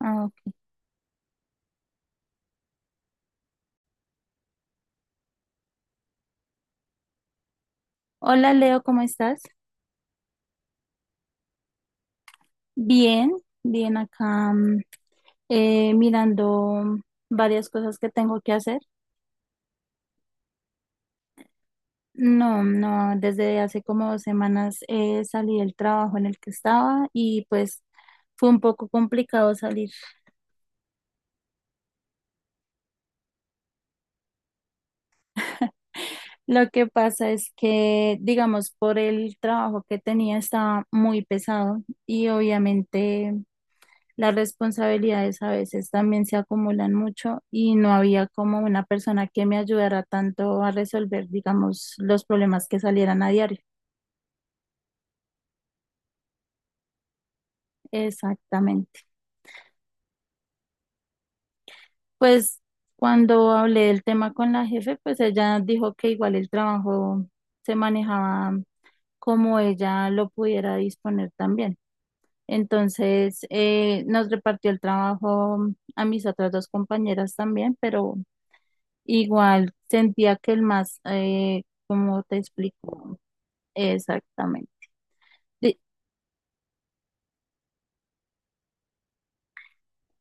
Ah, ok. Hola Leo, ¿cómo estás? Bien, bien acá mirando varias cosas que tengo que hacer. No, no, desde hace como 2 semanas salí del trabajo en el que estaba y pues fue un poco complicado salir. Lo que pasa es que, digamos, por el trabajo que tenía estaba muy pesado y obviamente las responsabilidades a veces también se acumulan mucho y no había como una persona que me ayudara tanto a resolver, digamos, los problemas que salieran a diario. Exactamente. Pues cuando hablé del tema con la jefe, pues ella dijo que igual el trabajo se manejaba como ella lo pudiera disponer también. Entonces, nos repartió el trabajo a mis otras dos compañeras también, pero igual sentía que el más, ¿cómo te explico? Exactamente. Di-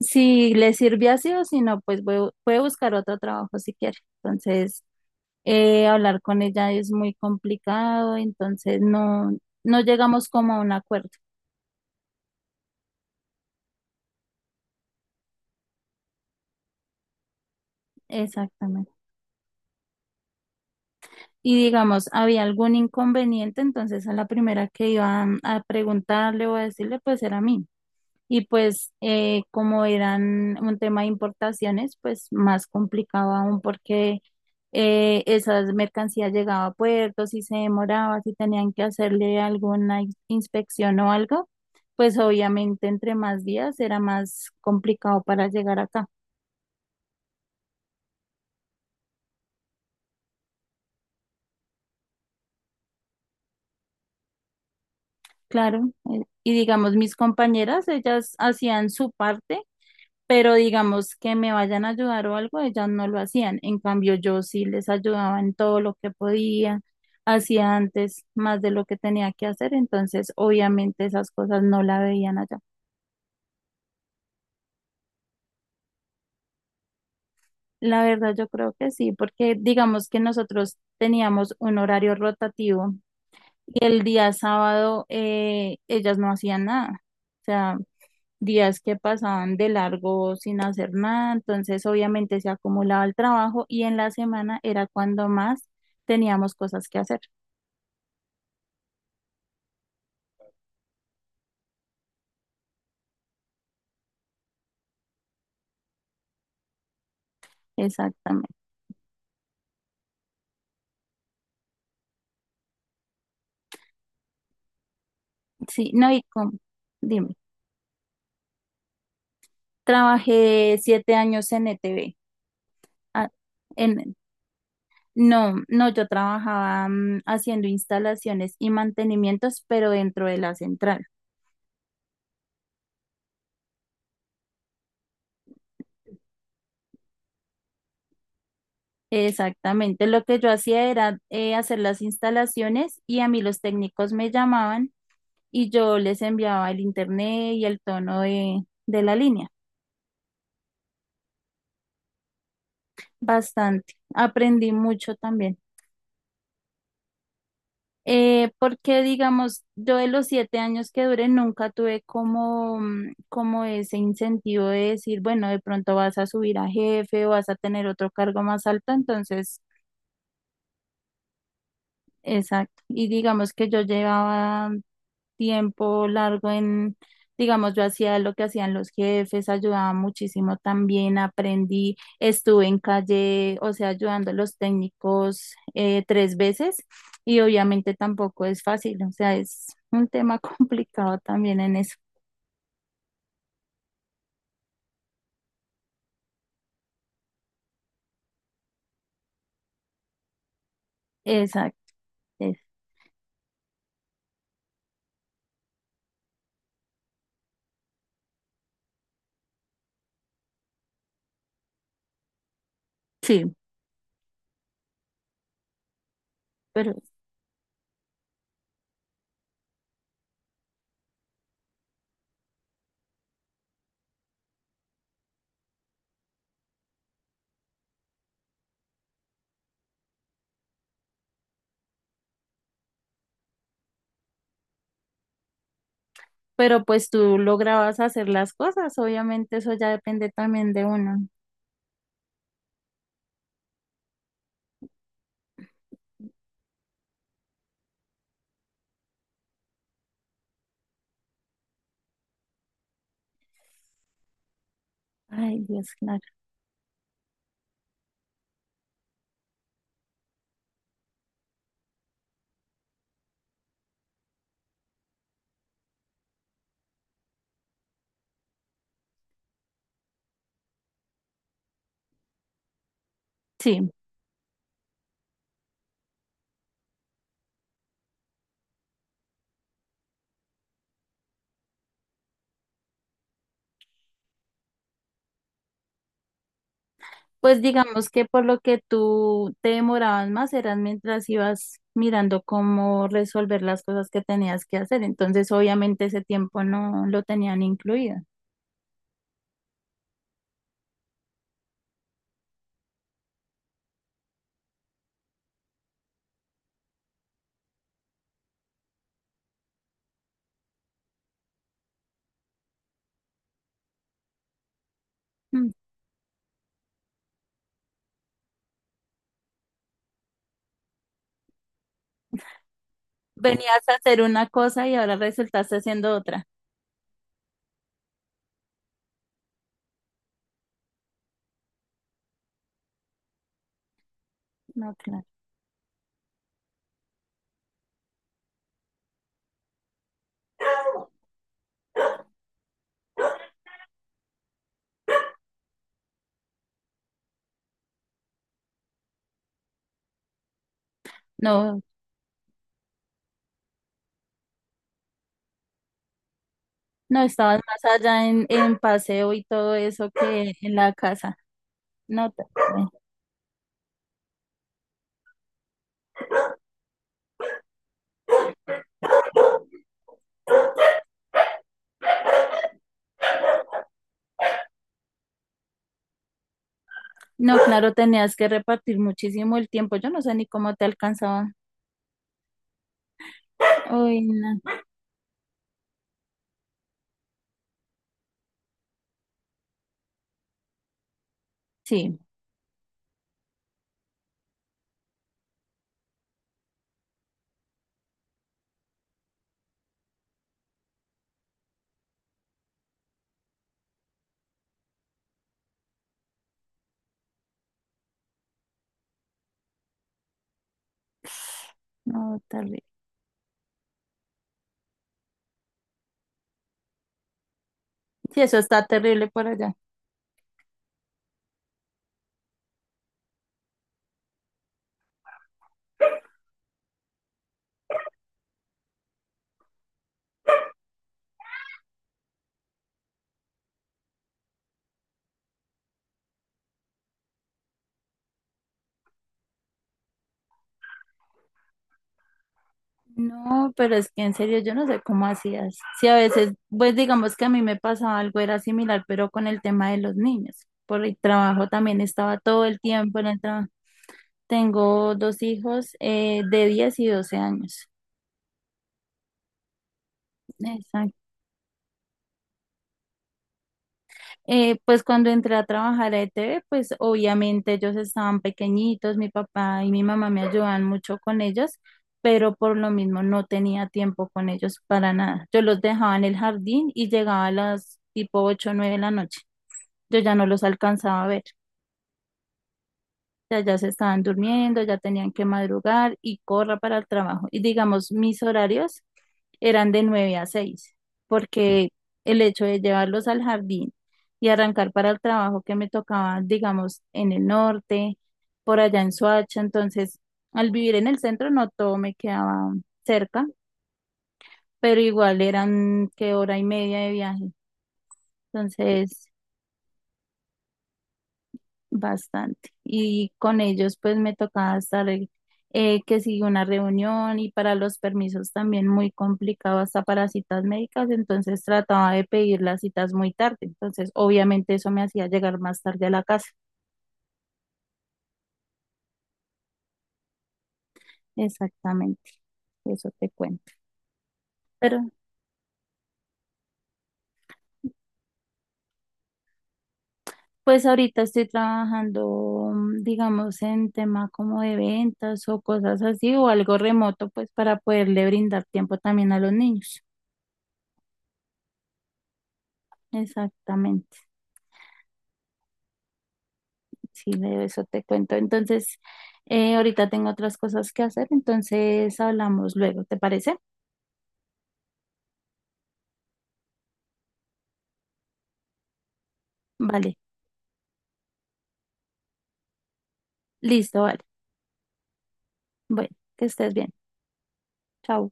Si le sirve así o si no, pues puede buscar otro trabajo si quiere. Entonces, hablar con ella es muy complicado, entonces no llegamos como a un acuerdo. Exactamente. Y digamos, había algún inconveniente, entonces a la primera que iba a preguntarle o a decirle, pues era a mí. Y pues como eran un tema de importaciones, pues más complicado aún porque esas mercancías llegaban a puertos y se demoraba, si tenían que hacerle alguna inspección o algo, pues obviamente entre más días era más complicado para llegar acá. Claro, y digamos mis compañeras, ellas hacían su parte, pero digamos que me vayan a ayudar o algo, ellas no lo hacían. En cambio, yo sí les ayudaba en todo lo que podía, hacía antes más de lo que tenía que hacer, entonces obviamente esas cosas no la veían allá. La verdad, yo creo que sí, porque digamos que nosotros teníamos un horario rotativo y el día sábado ellas no hacían nada. O sea, días que pasaban de largo sin hacer nada, entonces obviamente se acumulaba el trabajo y en la semana era cuando más teníamos cosas que hacer. Exactamente. Sí, no, y con, dime, trabajé 7 años en E T ETV. Ah, en, no, no, yo trabajaba haciendo instalaciones y mantenimientos, pero dentro de la central. Exactamente, lo que yo hacía era hacer las instalaciones y a mí los técnicos me llamaban y yo les enviaba el internet y el tono de la línea. Bastante. Aprendí mucho también. Porque, digamos, yo de los 7 años que duré nunca tuve como, como ese incentivo de decir, bueno, de pronto vas a subir a jefe o vas a tener otro cargo más alto. Entonces, exacto. Y digamos que yo llevaba tiempo largo en, digamos, yo hacía lo que hacían los jefes, ayudaba muchísimo también, aprendí, estuve en calle, o sea, ayudando a los técnicos 3 veces y obviamente tampoco es fácil, o sea, es un tema complicado también en eso. Exacto, es- sí, pero, pues tú lograbas hacer las cosas, obviamente eso ya depende también de uno. Ay, Dios, claro. Sí. Pues digamos que por lo que tú te demorabas más eran mientras ibas mirando cómo resolver las cosas que tenías que hacer. Entonces, obviamente ese tiempo no lo tenían incluido. Mm. Venías a hacer una cosa y ahora resultaste haciendo otra. No, claro. No, no estabas más allá en paseo y todo eso que en la casa. No, te- eh, no, claro, tenías que repartir muchísimo el tiempo. Yo no sé ni cómo te alcanzaba. Uy, no. Sí. No, tal. Sí, eso está terrible por allá. No, pero es que en serio yo no sé cómo hacías. Sí, a veces, pues digamos que a mí me pasaba algo, era similar, pero con el tema de los niños. Por el trabajo también estaba todo el tiempo en el trabajo. Tengo 2 hijos de 10 y 12 años. Pues cuando entré a trabajar a ETV, pues obviamente ellos estaban pequeñitos, mi papá y mi mamá me ayudaban mucho con ellos, pero por lo mismo no tenía tiempo con ellos para nada. Yo los dejaba en el jardín y llegaba a las tipo 8 o 9 de la noche. Yo ya no los alcanzaba a ver, ya, ya se estaban durmiendo, ya tenían que madrugar y corra para el trabajo. Y digamos, mis horarios eran de 9 a 6 porque el hecho de llevarlos al jardín y arrancar para el trabajo que me tocaba, digamos, en el norte, por allá en Soacha, entonces al vivir en el centro no todo me quedaba cerca, pero igual eran que 1 hora y media de viaje. Entonces, bastante. Y con ellos pues me tocaba estar que sigue una reunión y para los permisos también muy complicado hasta para citas médicas, entonces trataba de pedir las citas muy tarde. Entonces obviamente eso me hacía llegar más tarde a la casa. Exactamente, eso te cuento. Pero pues ahorita estoy trabajando, digamos, en tema como de ventas o cosas así o algo remoto pues para poderle brindar tiempo también a los niños. Exactamente. Sí, de eso te cuento. Entonces, ahorita tengo otras cosas que hacer, entonces hablamos luego, ¿te parece? Vale, listo, vale. Bueno, que estés bien. Chao.